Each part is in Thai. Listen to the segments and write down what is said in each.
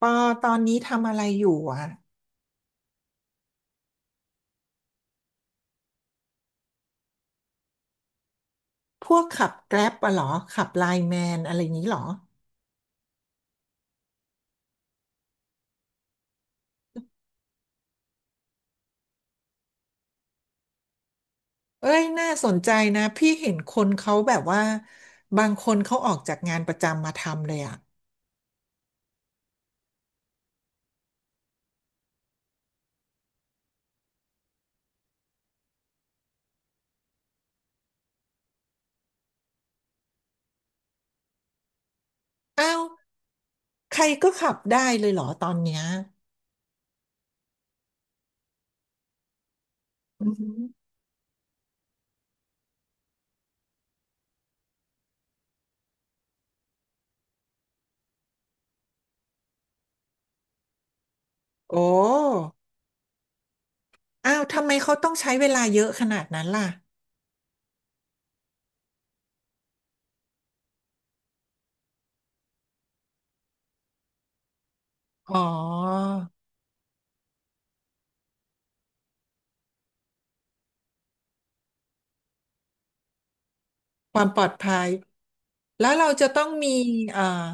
ปอตอนนี้ทำอะไรอยู่อ่ะพวกขับแกร็บอะเหรอขับไลน์แมนอะไรนี้เหรอ เอ้ยน่าสนใจนะพี่เห็นคนเขาแบบว่าบางคนเขาออกจากงานประจำมาทำเลยอ่ะอ้าวใครก็ขับได้เลยเหรอตอนเนี้ยอือหือโอ้อ้าวทำไมเขาต้องใช้เวลาเยอะขนาดนั้นล่ะ อ๋อความปลอดภัยแล้วเราจะต้องมีเอ่อ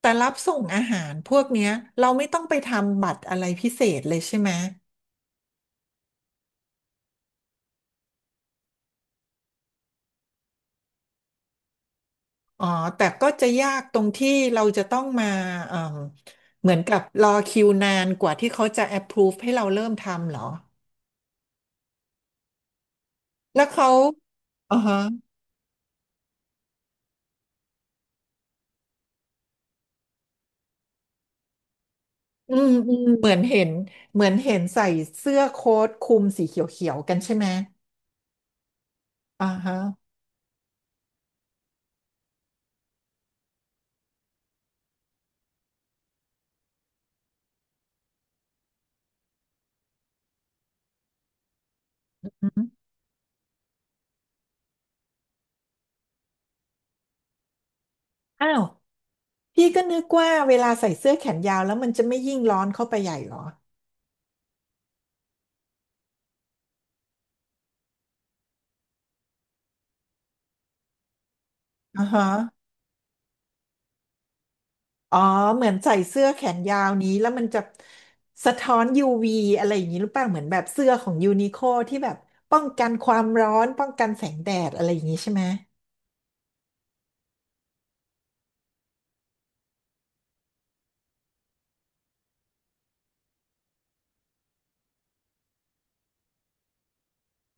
แต่รับส่งอาหารพวกเนี้ยเราไม่ต้องไปทำบัตรอะไรพิเศษเลยใช่ไหม อ๋อ แต่ก็จะยากตรงที่เราจะต้องมาเอ่มเหมือนกับรอคิวนานกว่าที่เขาจะ approve ให้เราเริ่มทำเหรอ แล้วเขาอ่าฮะอืมอืมเหมือนเห็นใส่เสื้อโค้ทคลุมสีเขียวๆกันใช่ไหมอ่าฮะอืมอ้าว พี่ก็นึกว่าเวลาใส่เสื้อแขนยาวแล้วมันจะไม่ยิ่งร้อนเข้าไปใหญ่เหรออ่าฮะ อ๋อเหมือนใส่เสื้อแขนยาวนี้แล้วมันจะสะท้อน UV อะไรอย่างนี้หรือเปล่าเหมือนแบบเสื้อของยูนิโคที่แบบป้องกันความร้อนป้องกันแสงแดดอะไรอย่างนี้ใช่ไหม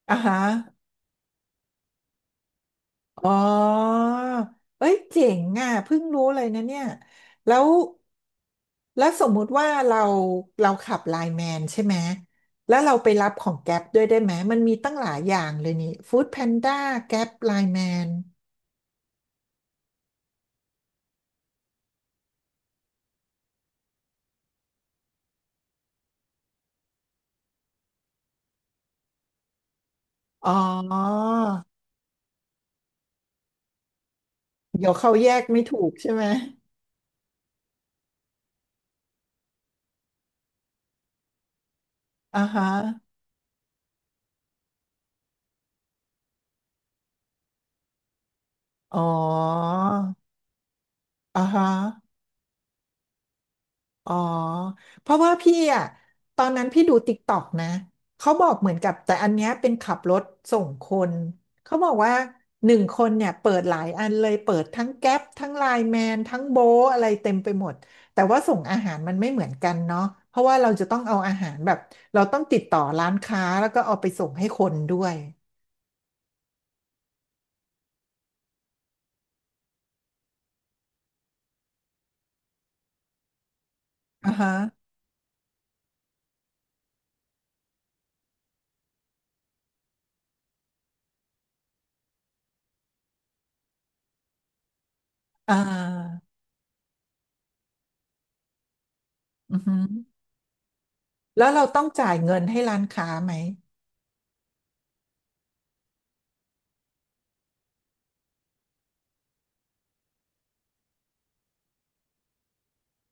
อ่าฮะอ๋อเอ้ยเจ๋งอ่ะเพิ่งรู้เลยนะเนี่ยแล้วแล้วสมมุติว่าเราขับไลน์แมนใช่ไหมแล้วเราไปรับของแก๊ปด้วยได้ไหมมันมีตั้งหลายอย่างเลยนี่ฟู้ดแพนด้าแก๊ปไลน์แมนอ๋อ เดี๋ยวเขาแยกไม่ถูกใช่ไหมอ่าฮะอ๋ออ่าฮะอ๋อเพราะว่าพี่อ่ะตอนนั้นพี่ดูติ๊กต็อกนะเขาบอกเหมือนกับแต่อันเนี้ยเป็นขับรถส่งคนเขาบอกว่า1 คนเนี่ยเปิดหลายอันเลยเปิดทั้งแก๊ปทั้งไลน์แมนทั้งโบทอะไรเต็มไปหมดแต่ว่าส่งอาหารมันไม่เหมือนกันเนาะเพราะว่าเราจะต้องเอาอาหารแบบเราต้องติดต่อร้านค้าแล้วก็เอาไปส่งให้คนด้วยอ่าฮะอ่าอือฮึ แล้วเราต้องจ่ายเงินให้ร้านค้าไหม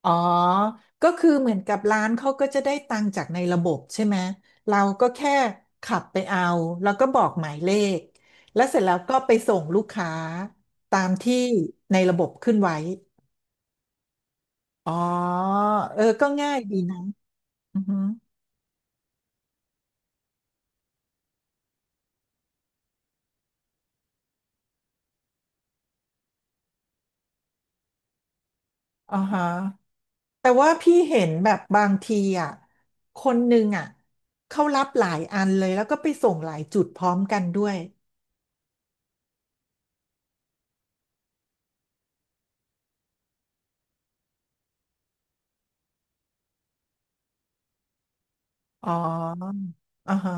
อ๋อก็คือเหมือนกับร้านเขาก็จะได้ตังค์จากในระบบใช่ไหม เราก็แค่ขับไปเอาแล้วก็บอกหมายเลขแล้วเสร็จแล้วก็ไปส่งลูกค้าตามที่ในระบบขึ้นไว้อ๋อเออก็ง่ายดีนะอือฮึอ่าฮะแต่ว่าพี่เห็นแบบบางทีอ่ะคนหนึ่งอ่ะเขารับหลายอันเลยแล้วก็ไปส่งหลายจุดพร้อมกันด้วยอ๋ออ่าฮะ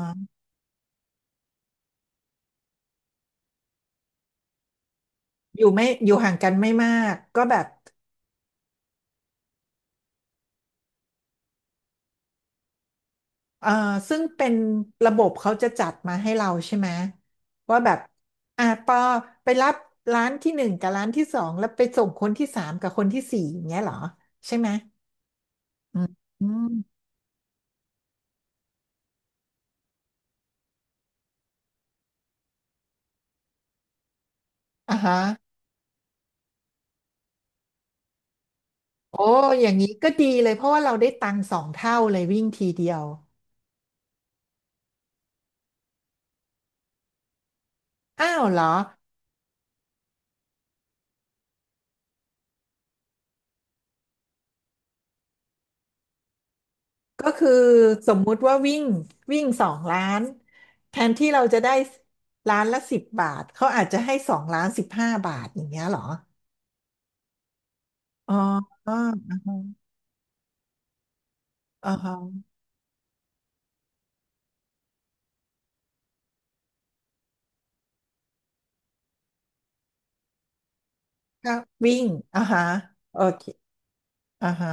อยู่ไม่อยู่ห่างกันไม่มากก็แบบเอ่อซึ่งเป็นระบบเขาจะจัดมาให้เราใช่ไหมว่าแบบอ่ะปอไปรับร้านที่ 1 กับร้านที่ 2แล้วไปส่งคนที่ 3 กับคนที่ 4อย่างเงี้ยเหรอใช่ไหมอืมอืมอ่ะฮะโอ้อย่างนี้ก็ดีเลยเพราะว่าเราได้ตังค์สองเท่าเลยวิ่งทีเดียวอ้าวเหรอ ก็คือสมมุติว่าวิ่งวิ่งสองล้านแทนที่เราจะได้ล้านละ 10 บาทเขาอาจจะให้2 ล้าน 15 บาทอย่างเงี้ยเหรออ๋ออ๋ออ่าฮะอ่าฮะถ้าวิ่งอ่าฮะโอเคอ่าฮะ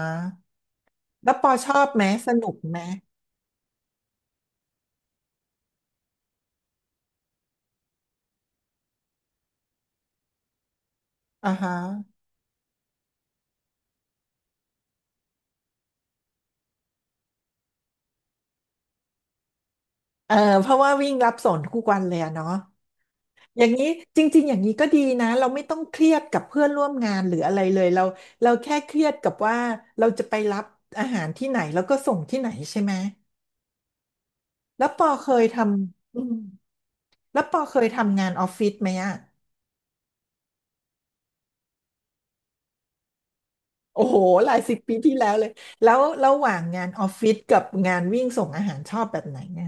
แล้วปอชอบไหมสนุกไหมอ่าฮะเออเพราะว่าวิ่งรับส่งทุกวันเลยอะเนาะ อย่างนี้จริงๆอย่างนี้ก็ดีนะเราไม่ต้องเครียดกับเพื่อนร่วมงานหรืออะไรเลยเราแค่เครียดกับว่าเราจะไปรับอาหารที่ไหนแล้วก็ส่งที่ไหนใช่ไหมแล้วปอเคยทำอืมแล้วปอเคยทำงานออฟฟิศไหมอะโอ้โหหลายสิบปีที่แล้วเลยแล้วระหว่างงานออฟฟิศกับงานวิ่งส่งอาหารชอบแบบไหนไง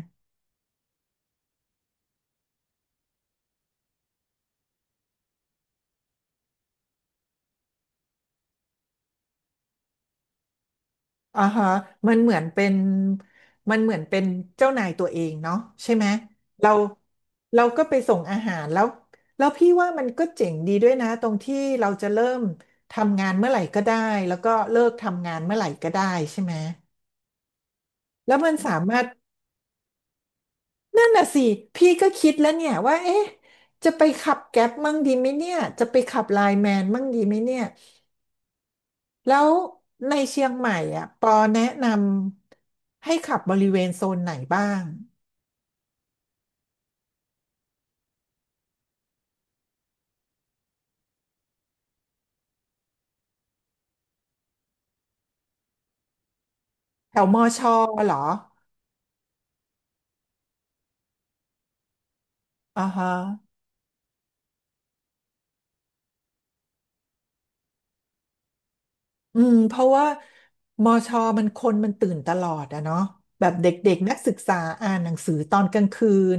อ่าฮะมันเหมือนเป็นมันเหมือนเป็นเจ้านายตัวเองเนาะใช่ไหมเราเราก็ไปส่งอาหารแล้วแล้วพี่ว่ามันก็เจ๋งดีด้วยนะตรงที่เราจะเริ่มทำงานเมื่อไหร่ก็ได้แล้วก็เลิกทำงานเมื่อไหร่ก็ได้ใช่ไหมแล้วมันสามารถนั่นน่ะสิพี่ก็คิดแล้วเนี่ยว่าเอ๊ะจะไปขับแก๊ปมั่งดีไหมเนี่ยจะไปขับไลน์แมนมั่งดีไหมเนี่ยแล้วในเชียงใหม่อ่ะปอแนะนำให้ขับบริเวณโซนไหนบ้าง แถวมอชอเหรออ่าฮะอืมเพราะว่ามอชอมันคนมันตื่นตลอดอะเนาะแบบเด็กๆนักศึกษาอ่านหนังสือตอนกลางคืน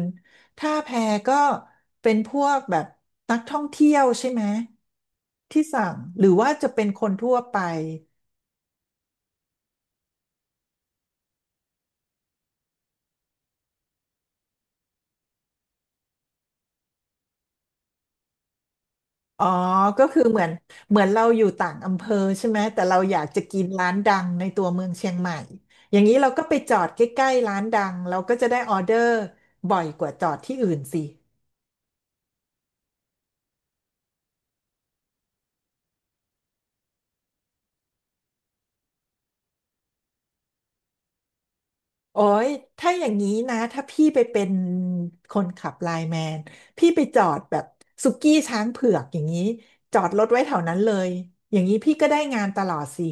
ท่าแพก็เป็นพวกแบบนักท่องเที่ยวใช่ไหมที่สั่งหรือว่าจะเป็นคนทั่วไปอ๋อก็คือเหมือนเราอยู่ต่างอำเภอใช่ไหม แต่เราอยากจะกินร้านดังในตัวเมืองเชียงใหม่ อย่างนี้เราก็ไปจอดใกล้ๆร้านดังเราก็จะได้ออเดอร์บ่อยกว่าจอดที่อื่นสิ โอ้ยถ้าอย่างนี้นะ ถ้าพี่ไปเป็นคนขับไลน์แมนพี่ไปจอดแบบสุกี้ช้างเผือกอย่างนี้จอดรถไว้แถวนั้นเลย อย่างนี้พี่ก็ได้งานตลอดสิ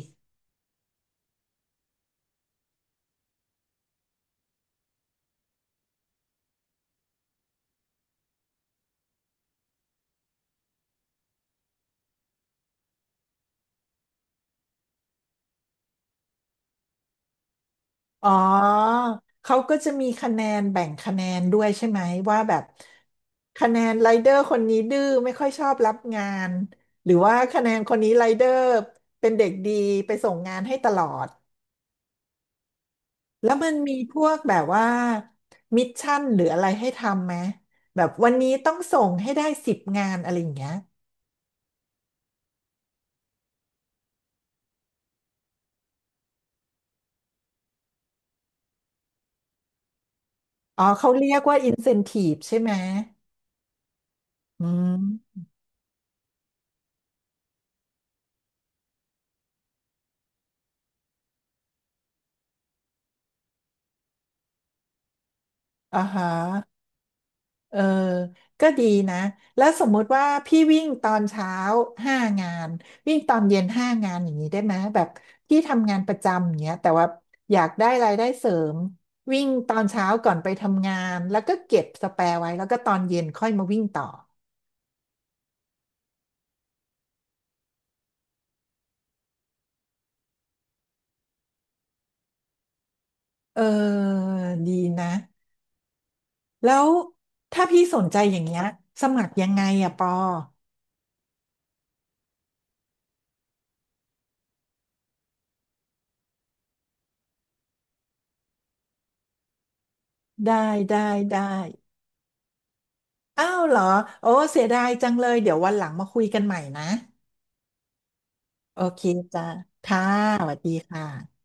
อ๋อเขาก็จะมีคะแนนแบ่งคะแนนด้วยใช่ไหมว่าแบบคะแนนไรเดอร์คนนี้ดื้อไม่ค่อยชอบรับงานหรือว่าคะแนนคนนี้ไรเดอร์เป็นเด็กดีไปส่งงานให้ตลอด แล้วมันมีพวกแบบว่ามิชชั่นหรืออะไรให้ทำไหมแบบวันนี้ต้องส่งให้ได้10 งานอะไรอย่างเงี้ยอ๋อเขาเรียกว่าอินเซน i ี e ใช่ไหมอืมอ่าฮะเออก็ดีนะแล้วสมมุติว่าพี่วิ่งตอนเช้าห้างานวิ่งตอนเย็นห้างานอย่างนี้ได้ไหมแบบพี่ทำงานประจำอย่างเงี้ยแต่ว่าอยากได้รายได้เสริมวิ่งตอนเช้าก่อนไปทำงานแล้วก็เก็บสแปร์ไว้แล้วก็ตอนเย็นค่อยมาวิ่งต่อ เออดีนะแล้วถ้าพี่สนใจอย่างเงี้ยสมัครยังไงอะปอได้ได้ได้อ้าวเหรอโอ้เสียดายจังเลยเดี๋ยววันหลังมาคุยกันใหม่นะโอเคจ้าค่ะสวัสดีค่ะ